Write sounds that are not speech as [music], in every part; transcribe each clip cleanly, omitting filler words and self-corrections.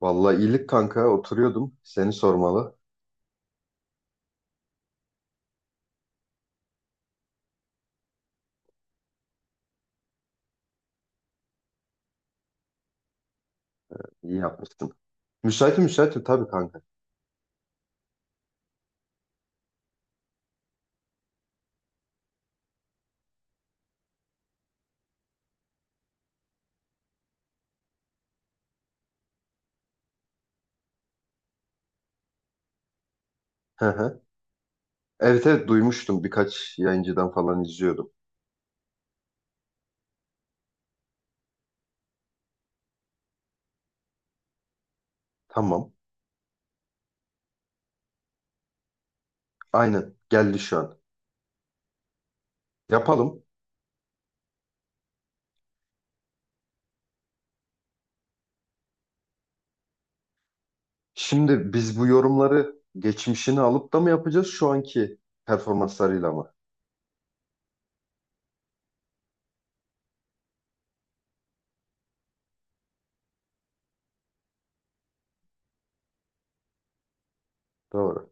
Vallahi iyilik kanka oturuyordum. Seni sormalı. İyi yapmıştım. Müsaitim müsaitim tabii kanka. Hı hı. Evet evet duymuştum. Birkaç yayıncıdan falan izliyordum. Tamam. Aynen geldi şu an. Yapalım. Şimdi biz bu yorumları geçmişini alıp da mı yapacağız şu anki performanslarıyla mı? Doğru.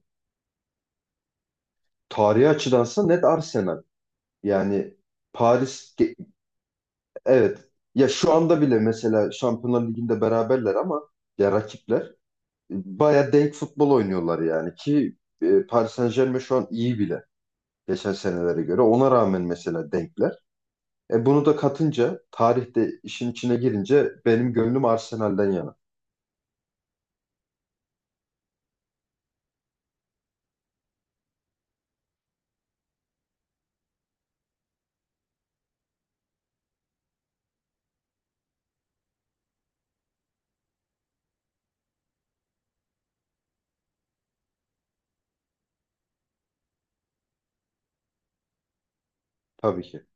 Tarihi açıdansa net Arsenal. Yani Paris ge- evet. Ya şu anda bile mesela Şampiyonlar Ligi'nde beraberler ama ya rakipler baya denk futbol oynuyorlar yani ki Paris Saint-Germain şu an iyi bile geçen senelere göre. Ona rağmen mesela denkler. Bunu da katınca tarihte işin içine girince benim gönlüm Arsenal'den yana. Tabii ki.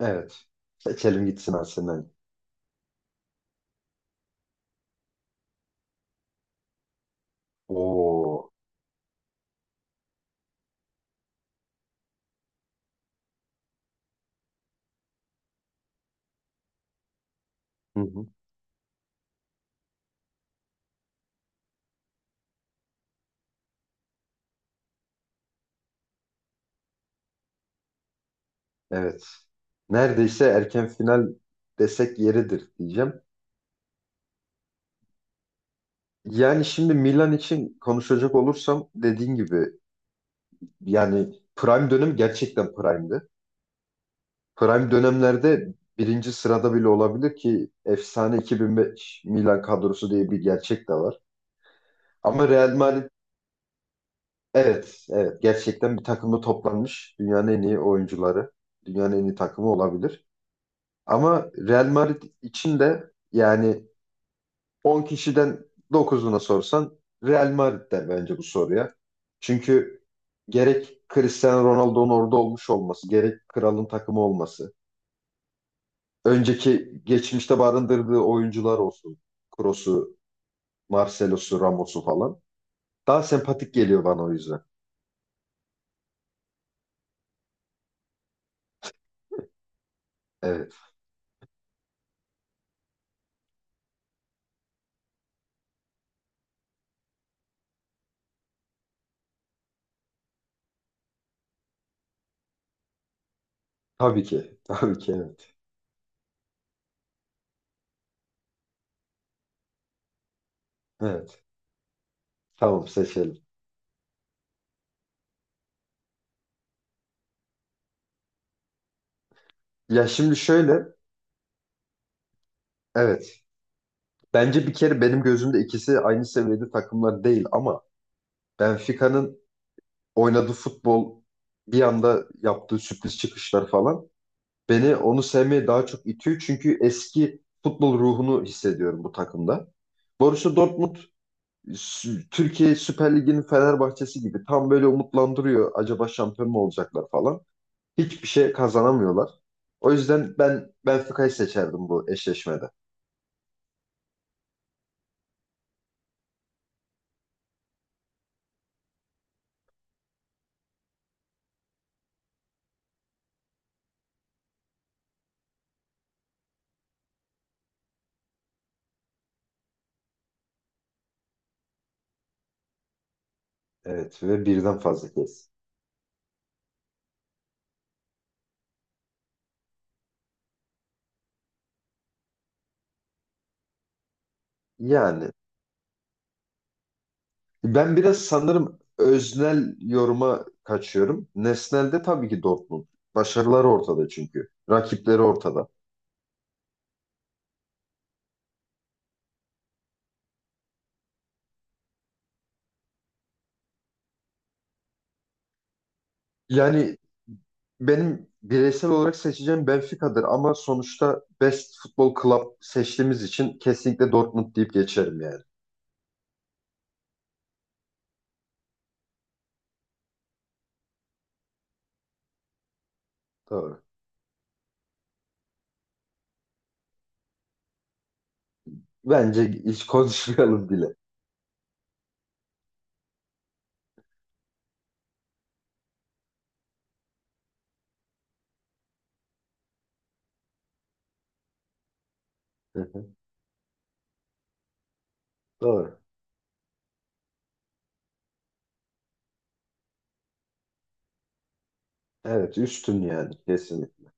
Evet. Seçelim gitsin Arsenal. Oo. Hı hı. Evet. Neredeyse erken final desek yeridir diyeceğim. Yani şimdi Milan için konuşacak olursam dediğin gibi yani prime dönem gerçekten prime'di. Prime dönemlerde birinci sırada bile olabilir ki efsane 2005 Milan kadrosu diye bir gerçek de var. Ama Real Madrid evet evet gerçekten bir takımda toplanmış dünyanın en iyi oyuncuları, dünyanın en iyi takımı olabilir. Ama Real Madrid için de yani 10 kişiden dokuzuna sorsan Real Madrid der bence bu soruya. Çünkü gerek Cristiano Ronaldo'nun orada olmuş olması, gerek kralın takımı olması, önceki geçmişte barındırdığı oyuncular olsun. Kroos'u, Marcelo'su, Ramos'u falan. Daha sempatik geliyor bana o yüzden. Evet. Tabii ki. [laughs] Tabii ki evet. Evet. Tamam seçelim. Ya şimdi şöyle. Evet. Bence bir kere benim gözümde ikisi aynı seviyede takımlar değil ama Benfica'nın oynadığı futbol, bir anda yaptığı sürpriz çıkışlar falan beni onu sevmeye daha çok itiyor. Çünkü eski futbol ruhunu hissediyorum bu takımda. Borussia Dortmund Türkiye Süper Ligi'nin Fenerbahçesi gibi tam böyle umutlandırıyor. Acaba şampiyon mu olacaklar falan. Hiçbir şey kazanamıyorlar. O yüzden ben Benfica'yı seçerdim bu eşleşmede. Evet ve birden fazla kez. Yani ben biraz sanırım öznel yoruma kaçıyorum. Nesnel'de tabii ki Dortmund. Başarıları ortada çünkü. Rakipleri ortada. Yani benim bireysel olarak seçeceğim Benfica'dır ama sonuçta Best Futbol Club seçtiğimiz için kesinlikle Dortmund deyip geçerim yani. Doğru. Bence hiç konuşmayalım bile. Hı hı. Doğru. Evet üstün yani kesinlikle.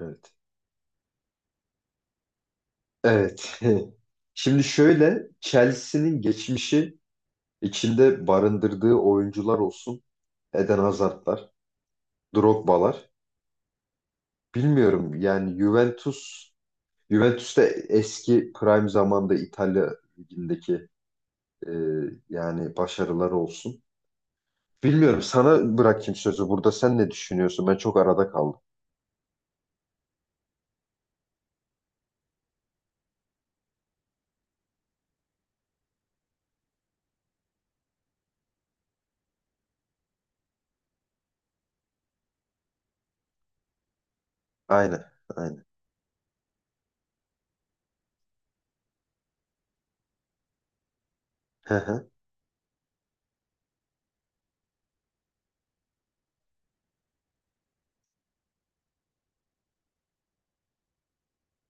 Evet. Evet. [laughs] Şimdi şöyle, Chelsea'nin geçmişi içinde barındırdığı oyuncular olsun. Eden Hazard'lar, Drogba'lar. Bilmiyorum yani Juventus, Juventus'te eski prime zamanda İtalya ligindeki Ee, yani başarılar olsun. Bilmiyorum, sana bırakayım sözü burada. Sen ne düşünüyorsun? Ben çok arada kaldım. Aynen, aynen. Hı hı.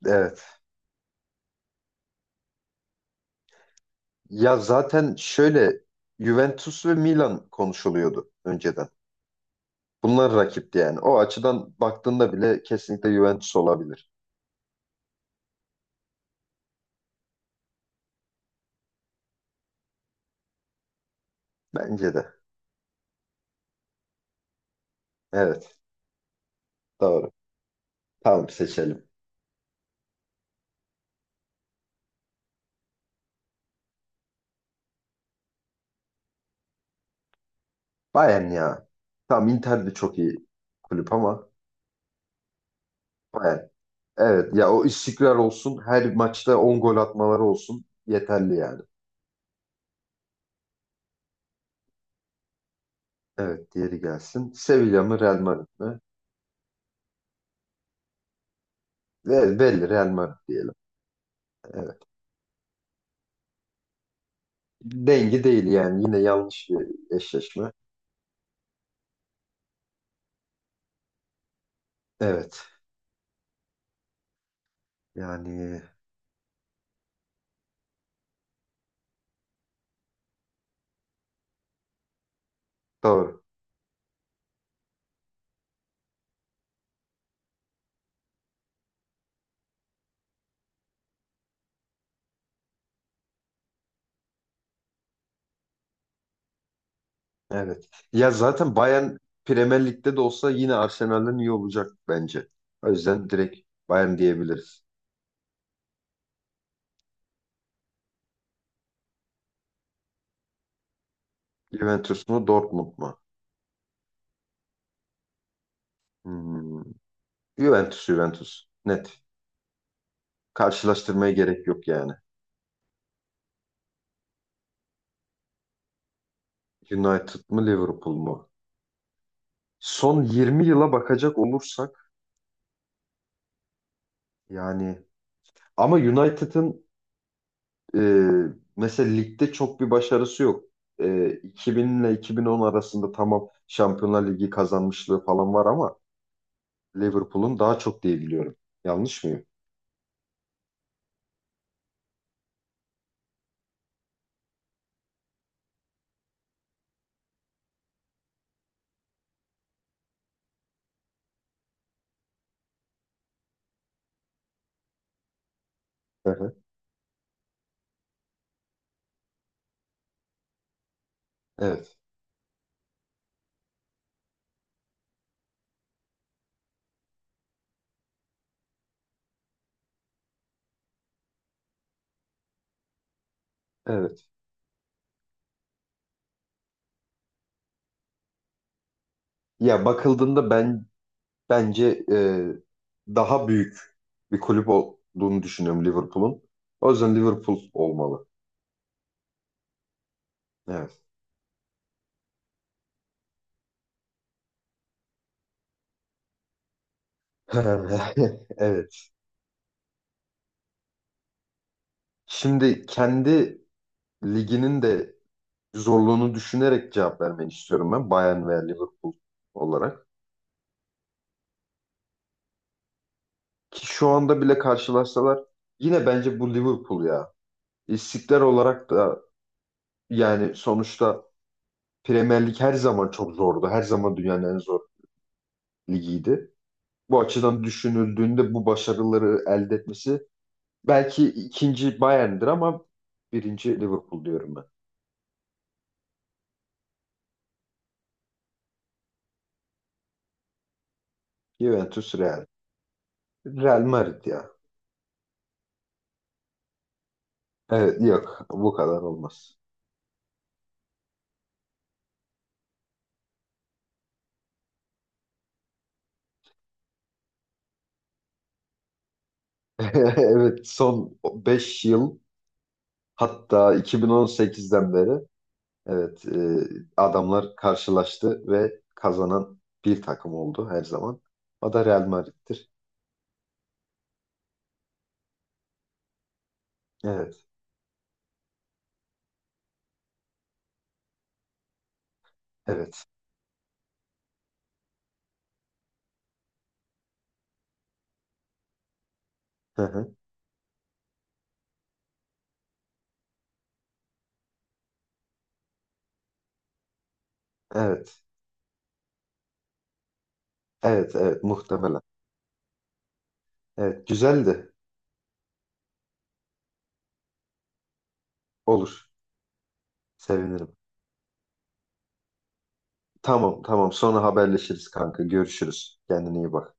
Evet. Ya zaten şöyle Juventus ve Milan konuşuluyordu önceden. Bunlar rakipti yani. O açıdan baktığında bile kesinlikle Juventus olabilir. Bence de. Evet, doğru. Tamam seçelim. Bayern ya. Tamam Inter de çok iyi kulüp ama Bayern. Evet ya o istikrar olsun. Her maçta 10 gol atmaları olsun. Yeterli yani. Evet, diğeri gelsin. Sevilla mı Real Madrid mi? Ve belli Real Madrid diyelim. Evet. Dengi değil yani, yine yanlış bir eşleşme. Evet. Yani doğru. Evet. Ya zaten Bayern Premier Lig'de de olsa yine Arsenal'den iyi olacak bence. O yüzden direkt Bayern diyebiliriz. Juventus mu Dortmund mu? Hmm. Juventus Juventus. Net. Karşılaştırmaya gerek yok yani. United mı Liverpool mu? Son 20 yıla bakacak olursak yani... Ama United'ın e, mesela ligde çok bir başarısı yok. 2000 ile 2010 arasında tamam Şampiyonlar Ligi kazanmışlığı falan var ama Liverpool'un daha çok diye biliyorum. Yanlış mıyım? Hı hı. Evet, evet. Ya bakıldığında ben bence daha büyük bir kulüp olduğunu düşünüyorum Liverpool'un. O yüzden Liverpool olmalı. Evet. [laughs] Evet. Şimdi kendi liginin de zorluğunu düşünerek cevap vermeni istiyorum ben. Bayern veya Liverpool olarak. Ki şu anda bile karşılaşsalar yine bence bu Liverpool ya. İstiklal olarak da yani sonuçta Premier Lig her zaman çok zordu. Her zaman dünyanın en zor ligiydi. Bu açıdan düşünüldüğünde bu başarıları elde etmesi belki ikinci Bayern'dir ama birinci Liverpool diyorum ben. Juventus Real. Real Madrid ya. Evet yok bu kadar olmaz. [laughs] Evet son 5 yıl, hatta 2018'den beri evet adamlar karşılaştı ve kazanan bir takım oldu her zaman. O da Real Madrid'dir. Evet, evet. Hı hı. Evet, evet, evet muhtemelen. Evet, güzeldi. Olur. Sevinirim. Tamam, tamam. Sonra haberleşiriz kanka. Görüşürüz. Kendine iyi bak.